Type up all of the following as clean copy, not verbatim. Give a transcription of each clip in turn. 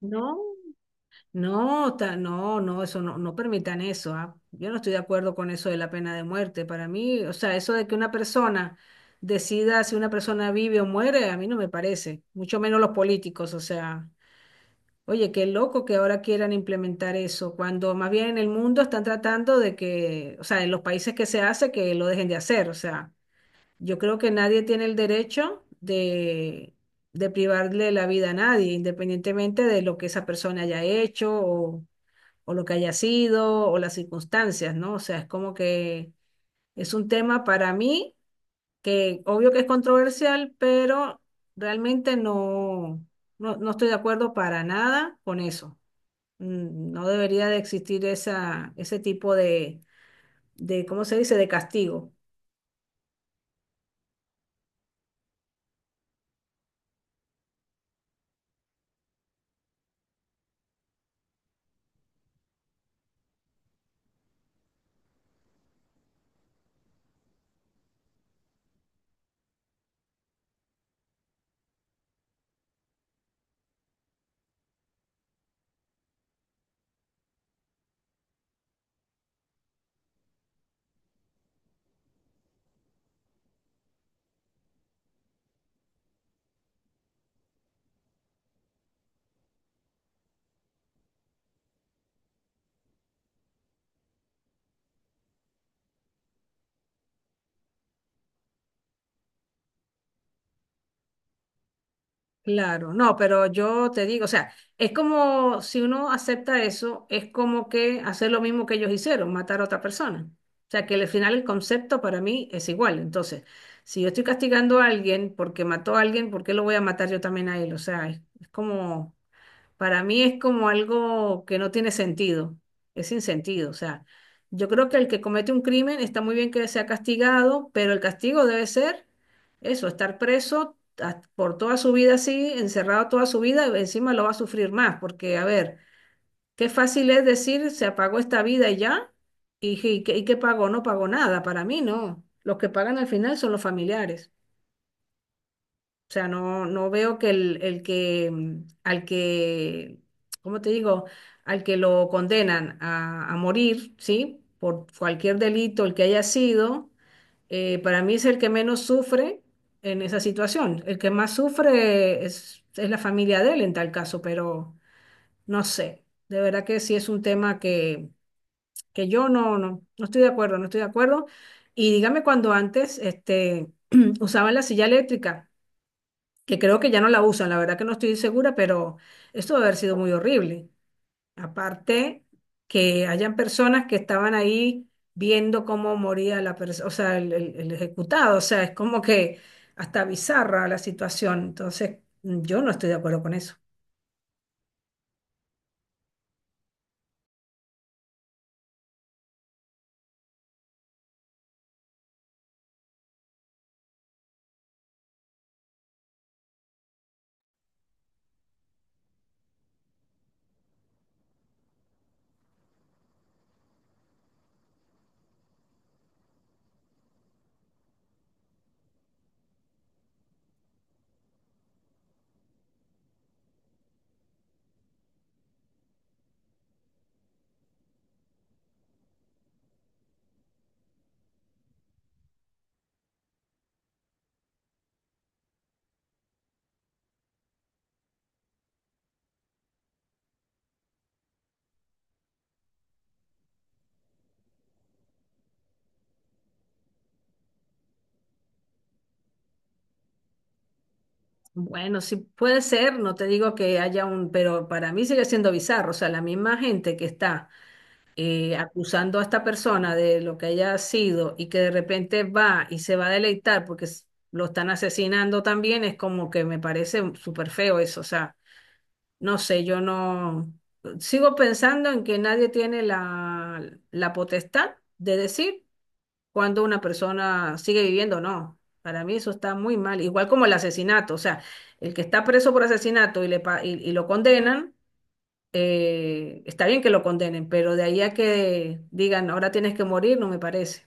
No, no, eso no permitan eso, ¿ah? Yo no estoy de acuerdo con eso de la pena de muerte. Para mí, o sea, eso de que una persona decida si una persona vive o muere, a mí no me parece, mucho menos los políticos, o sea, oye, qué loco que ahora quieran implementar eso, cuando más bien en el mundo están tratando de que, o sea, en los países que se hace, que lo dejen de hacer, o sea. Yo creo que nadie tiene el derecho de privarle la vida a nadie, independientemente de lo que esa persona haya hecho o lo que haya sido o las circunstancias, ¿no? O sea, es como que es un tema para mí que obvio que es controversial, pero realmente no estoy de acuerdo para nada con eso. Mm, no debería de existir esa, ese tipo de, ¿cómo se dice?, de castigo. Claro, no, pero yo te digo, o sea, es como si uno acepta eso, es como que hacer lo mismo que ellos hicieron, matar a otra persona. O sea, que al final el concepto para mí es igual. Entonces, si yo estoy castigando a alguien porque mató a alguien, ¿por qué lo voy a matar yo también a él? O sea, es como… Para mí es como algo que no tiene sentido, es sin sentido. O sea, yo creo que el que comete un crimen está muy bien que sea castigado, pero el castigo debe ser eso, estar por toda su vida así, encerrado toda su vida, y encima lo va a sufrir más, porque a ver, qué fácil es decir se apagó esta vida y ya, y qué pagó, no pagó nada, para mí no. Los que pagan al final son los familiares. O sea, no, no veo que el que al que, ¿cómo te digo? Al que lo condenan a morir, ¿sí? Por cualquier delito, el que haya sido, para mí es el que menos sufre en esa situación. El que más sufre es la familia de él en tal caso, pero no sé. De verdad que sí es un tema que yo no, no estoy de acuerdo, no estoy de acuerdo. Y dígame cuando antes este, usaban la silla eléctrica que creo que ya no la usan, la verdad que no estoy segura, pero esto debe haber sido muy horrible. Aparte que hayan personas que estaban ahí viendo cómo moría la persona, o sea, el ejecutado, o sea, es como que hasta bizarra la situación. Entonces, yo no estoy de acuerdo con eso. Bueno, sí puede ser, no te digo que haya un, pero para mí sigue siendo bizarro, o sea, la misma gente que está acusando a esta persona de lo que haya sido y que de repente va y se va a deleitar lo están asesinando también, es como que me parece súper feo eso. O sea, no sé, yo no sigo pensando en que nadie tiene la, la potestad de decir cuando una persona sigue viviendo o no. Para mí eso está muy mal, igual como el asesinato, o sea, el que está preso por asesinato y, le, pa- y lo condenan, está bien que lo condenen, pero de ahí a que digan, ahora tienes que morir, no me parece.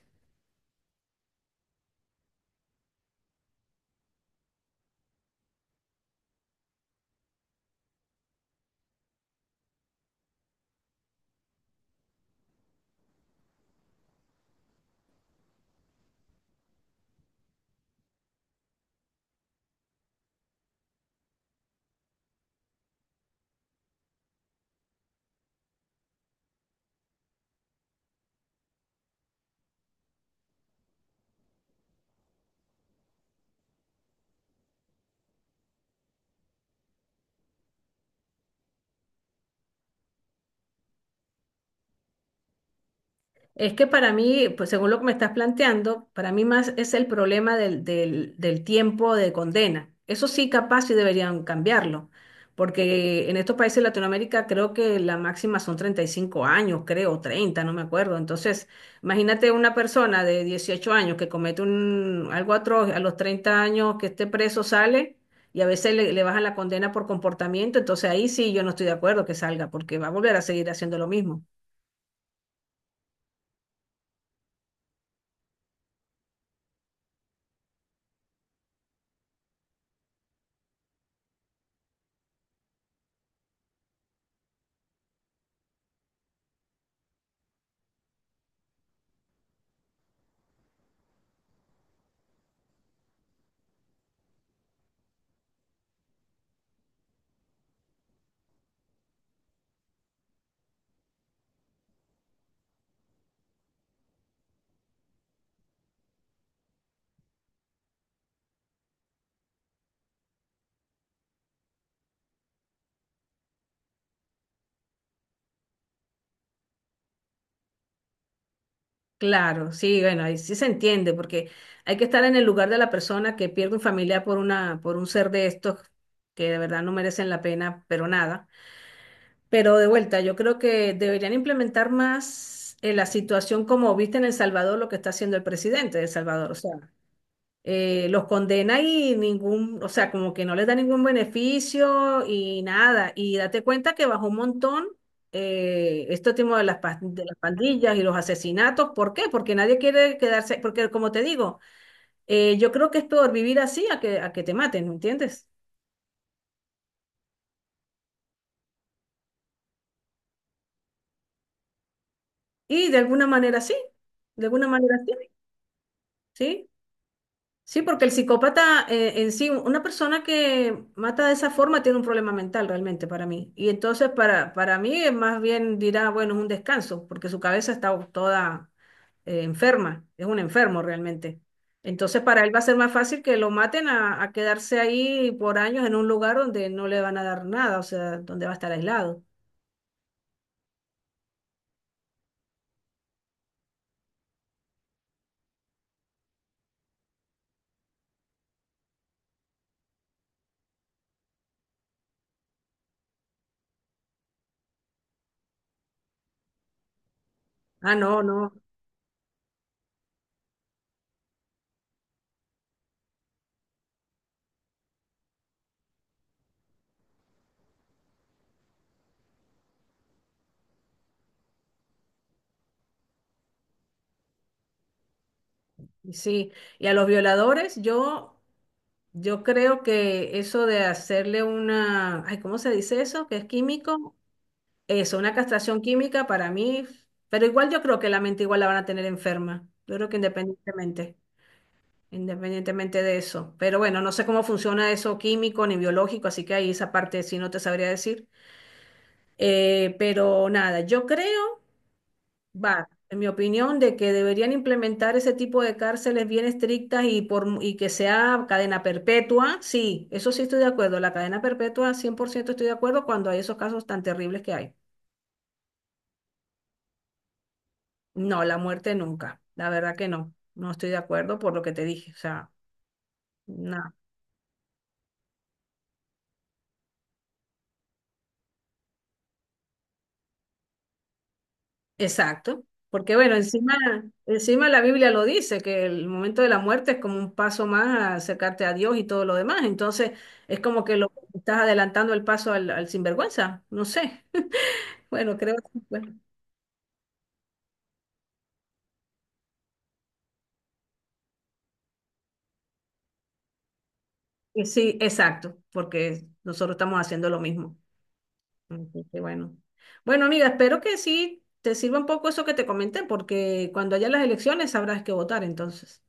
Es que para mí, pues según lo que me estás planteando, para mí más es el problema del, del tiempo de condena. Eso sí, capaz sí deberían cambiarlo, porque en estos países de Latinoamérica creo que la máxima son 35 años, creo, 30, no me acuerdo. Entonces, imagínate una persona de 18 años que comete un, algo atroz, a los 30 años que esté preso sale y a veces le, le bajan la condena por comportamiento. Entonces ahí sí yo no estoy de acuerdo que salga, porque va a volver a seguir haciendo lo mismo. Claro, sí, bueno, ahí sí se entiende, porque hay que estar en el lugar de la persona que pierde un familiar por una, por un ser de estos que de verdad no merecen la pena, pero nada. Pero de vuelta, yo creo que deberían implementar más la situación como viste en El Salvador, lo que está haciendo el presidente de El Salvador. O sea, los condena y ningún, o sea, como que no les da ningún beneficio y nada. Y date cuenta que bajó un montón este tema de las, de las pandillas y los asesinatos. ¿Por qué? Porque nadie quiere quedarse, porque como te digo, yo creo que es peor vivir así a que te maten, ¿me entiendes? Y de alguna manera sí, de alguna manera sí, ¿sí? Sí, porque el psicópata en sí, una persona que mata de esa forma tiene un problema mental realmente para mí. Y entonces para mí es más bien dirá, bueno, es un descanso, porque su cabeza está toda enferma, es un enfermo realmente. Entonces para él va a ser más fácil que lo maten a quedarse ahí por años en un lugar donde no le van a dar nada, o sea, donde va a estar aislado. Ah, no, no. Y sí, y a los violadores, yo creo que eso de hacerle una, ay, ¿cómo se dice eso? Que es químico, eso, una castración química para mí, pero igual yo creo que la mente igual la van a tener enferma. Yo creo que independientemente, independientemente de eso. Pero bueno, no sé cómo funciona eso químico ni biológico, así que ahí esa parte sí no te sabría decir. Pero nada, yo creo. Va, en mi opinión, de que deberían implementar ese tipo de cárceles bien estrictas y que sea cadena perpetua, sí, eso sí estoy de acuerdo. La cadena perpetua, 100% estoy de acuerdo cuando hay esos casos tan terribles que hay. No, la muerte nunca, la verdad que no, no estoy de acuerdo por lo que te dije. O sea, no. Exacto, porque bueno, encima, encima la Biblia lo dice, que el momento de la muerte es como un paso más a acercarte a Dios y todo lo demás, entonces es como que lo estás adelantando el paso al, al sinvergüenza, no sé, bueno, creo que bueno, que sí, exacto, porque nosotros estamos haciendo lo mismo. Así que bueno. Bueno, amiga, espero que sí te sirva un poco eso que te comenté, porque cuando haya las elecciones sabrás qué votar entonces.